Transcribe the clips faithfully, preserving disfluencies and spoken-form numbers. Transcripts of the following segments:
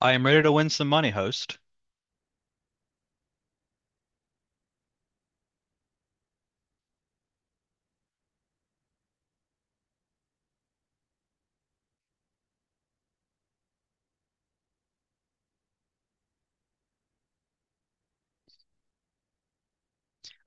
I am ready to win some money, host.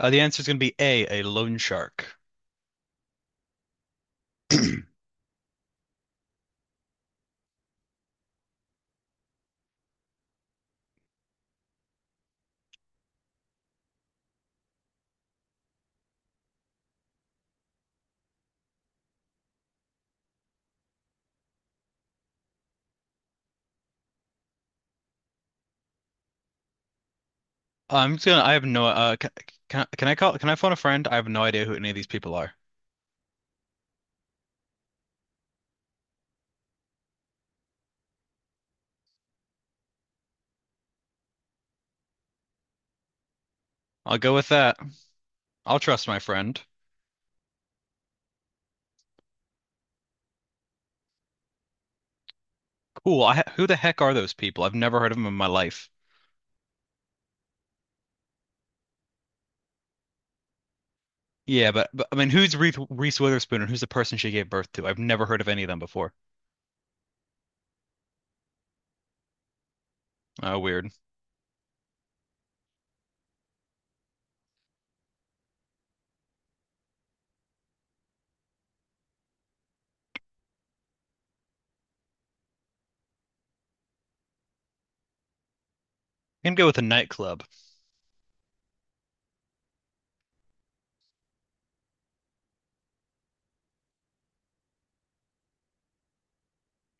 Uh, the answer is going to be A, a loan shark. I'm just gonna. I have no. Uh, can, can can I call? Can I phone a friend? I have no idea who any of these people are. I'll go with that. I'll trust my friend. Cool. I, ha- who the heck are those people? I've never heard of them in my life. Yeah, but, but I mean, who's Reese, Reese Witherspoon and who's the person she gave birth to? I've never heard of any of them before. Oh, weird. Can go with a nightclub.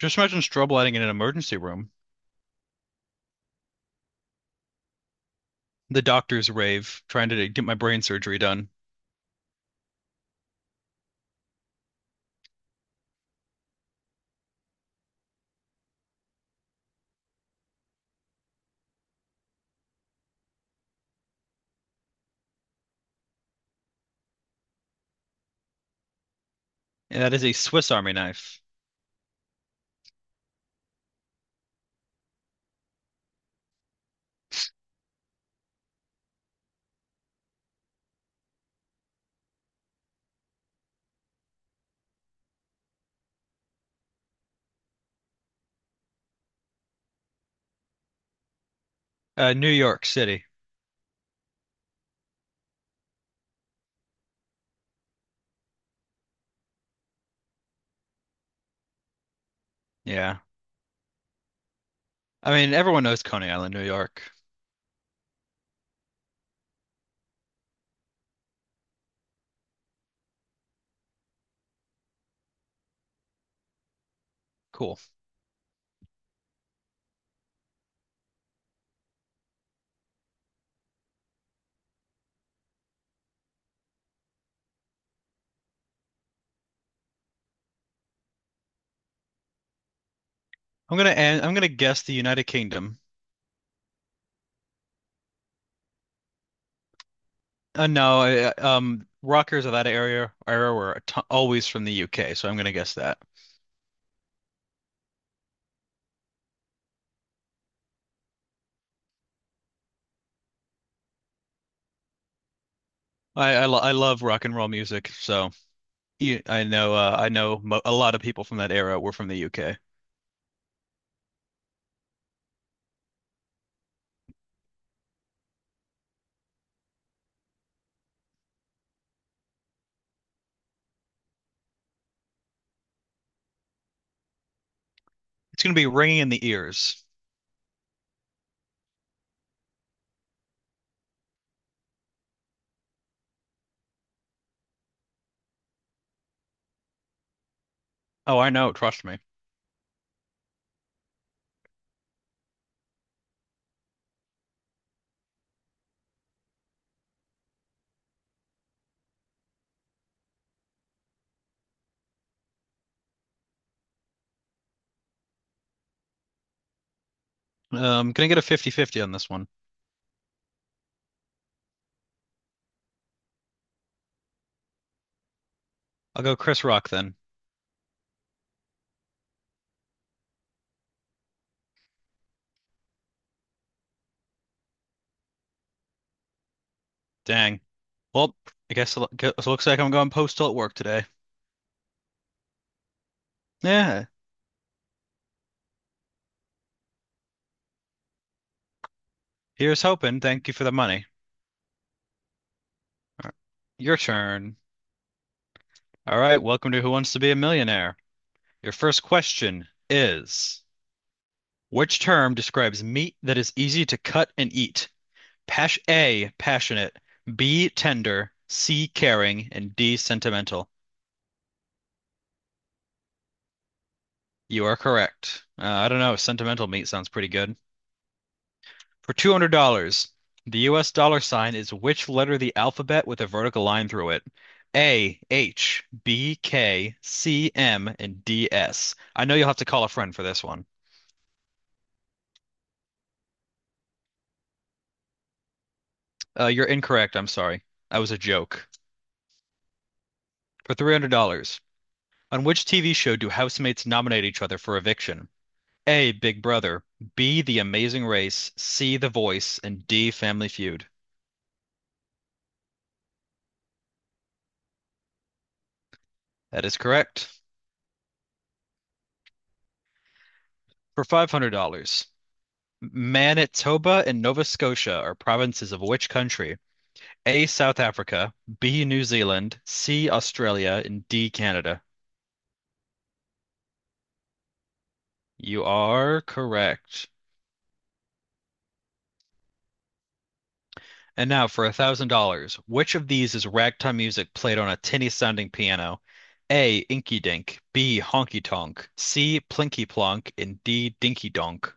Just imagine strobe lighting in an emergency room, the doctor's rave, trying to get my brain surgery done, and that is a Swiss Army knife. Uh, New York City. Yeah. I mean, everyone knows Coney Island, New York. Cool. I'm gonna and I'm gonna guess the United Kingdom. Uh, no, I, um, rockers of that area era were t always from the U K, so I'm gonna guess that. I I, lo I love rock and roll music, so yeah, I know uh, I know mo a lot of people from that era were from the U K. It's gonna be ringing in the ears. Oh, I know. Trust me. Um, gonna get a fifty-fifty on this one. I'll go Chris Rock then. Dang. Well, I guess it lo- it looks like I'm going postal at work today. Yeah. Here's hoping. Thank you for the money. Your turn. All right, welcome to Who Wants to Be a Millionaire. Your first question is, which term describes meat that is easy to cut and eat? Pash A, passionate, B, tender, C, caring, and D, sentimental. You are correct. Uh, I don't know, sentimental meat sounds pretty good. For two hundred dollars the U S dollar sign is which letter of the alphabet with a vertical line through it? A, H, B, K, C, M, and D, S. I know you'll have to call a friend for this one. Uh, you're incorrect. I'm sorry. That was a joke. For three hundred dollars on which T V show do housemates nominate each other for eviction? A, Big Brother, B, The Amazing Race, C, The Voice, and D, Family Feud. That is correct. For five hundred dollars Manitoba and Nova Scotia are provinces of which country? A, South Africa, B, New Zealand, C, Australia, and D, Canada. You are correct. And now for a thousand dollars, which of these is ragtime music played on a tinny sounding piano? A, Inky Dink, B, Honky Tonk, C, Plinky Plonk, and D, Dinky Donk.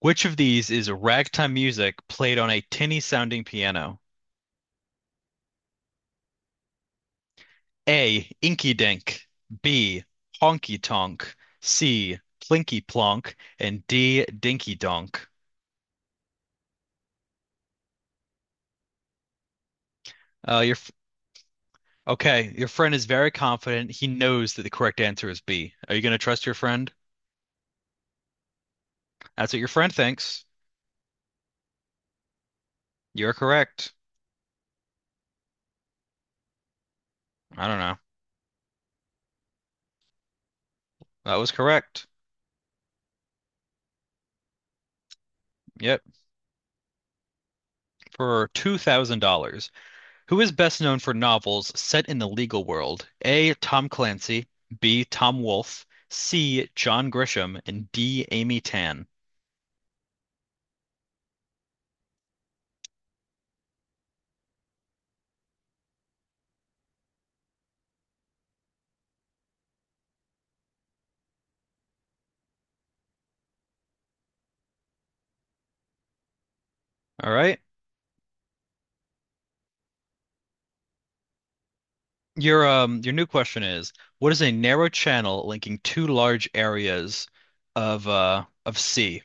Which of these is ragtime music played on a tinny sounding piano? A. Inky Dink. B. Honky Tonk. C. Plinky Plonk. And D. Dinky Donk. Uh, your f- okay. Your friend is very confident. He knows that the correct answer is B. Are you going to trust your friend? That's what your friend thinks. You're correct. I don't know. That was correct. Yep. For two thousand dollars. Who is best known for novels set in the legal world? A. Tom Clancy. B. Tom Wolfe. C. John Grisham. And D. Amy Tan. All right. Your um your new question is, what is a narrow channel linking two large areas of uh of sea?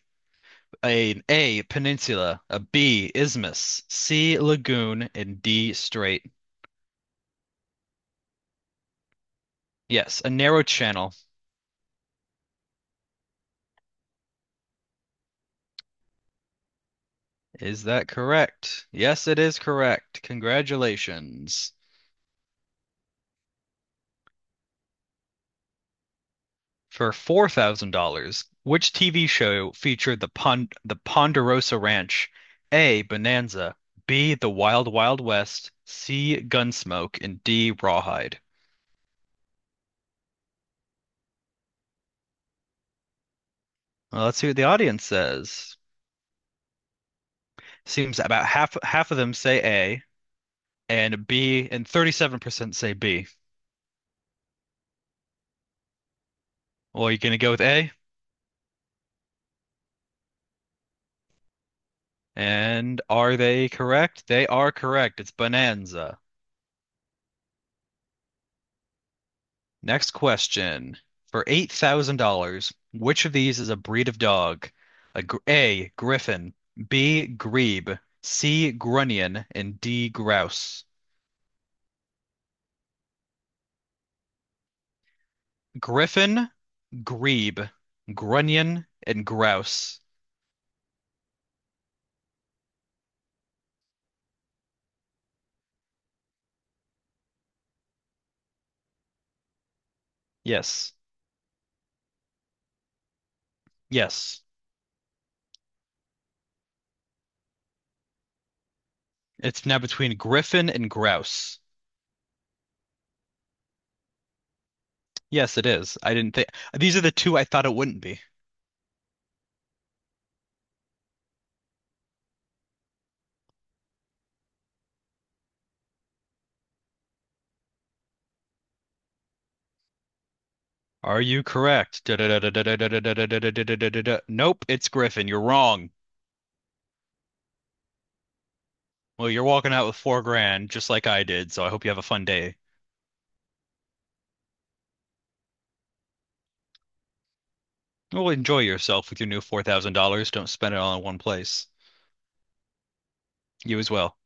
A A peninsula, a B isthmus, C lagoon, and D strait. Yes, a narrow channel. Is that correct? Yes, it is correct. Congratulations. For four thousand dollars which T V show featured the Pon the Ponderosa Ranch? A. Bonanza, B. The Wild Wild West, C. Gunsmoke, and D. Rawhide. Well, let's see what the audience says. Seems about half half of them say A and B, and thirty-seven percent say B. Well, you're gonna go with A? And are they correct? They are correct. It's Bonanza. Next question. For eight thousand dollars which of these is a breed of dog? A, gr- A, Griffin, B, Grebe, C, Grunion, and D, Grouse. Griffin, Grebe, Grunion, and Grouse. Yes. Yes. It's now between Griffin and Grouse. Yes, it is. I didn't think these are the two I thought it wouldn't be. Are you correct? Da-da-da-da-da-da-da-da-da-da-da-da-da-da-da. Nope, it's Griffin. You're wrong. Well, you're walking out with four grand, just like I did, so I hope you have a fun day. Well, enjoy yourself with your new four thousand dollars. Don't spend it all in one place. You as well.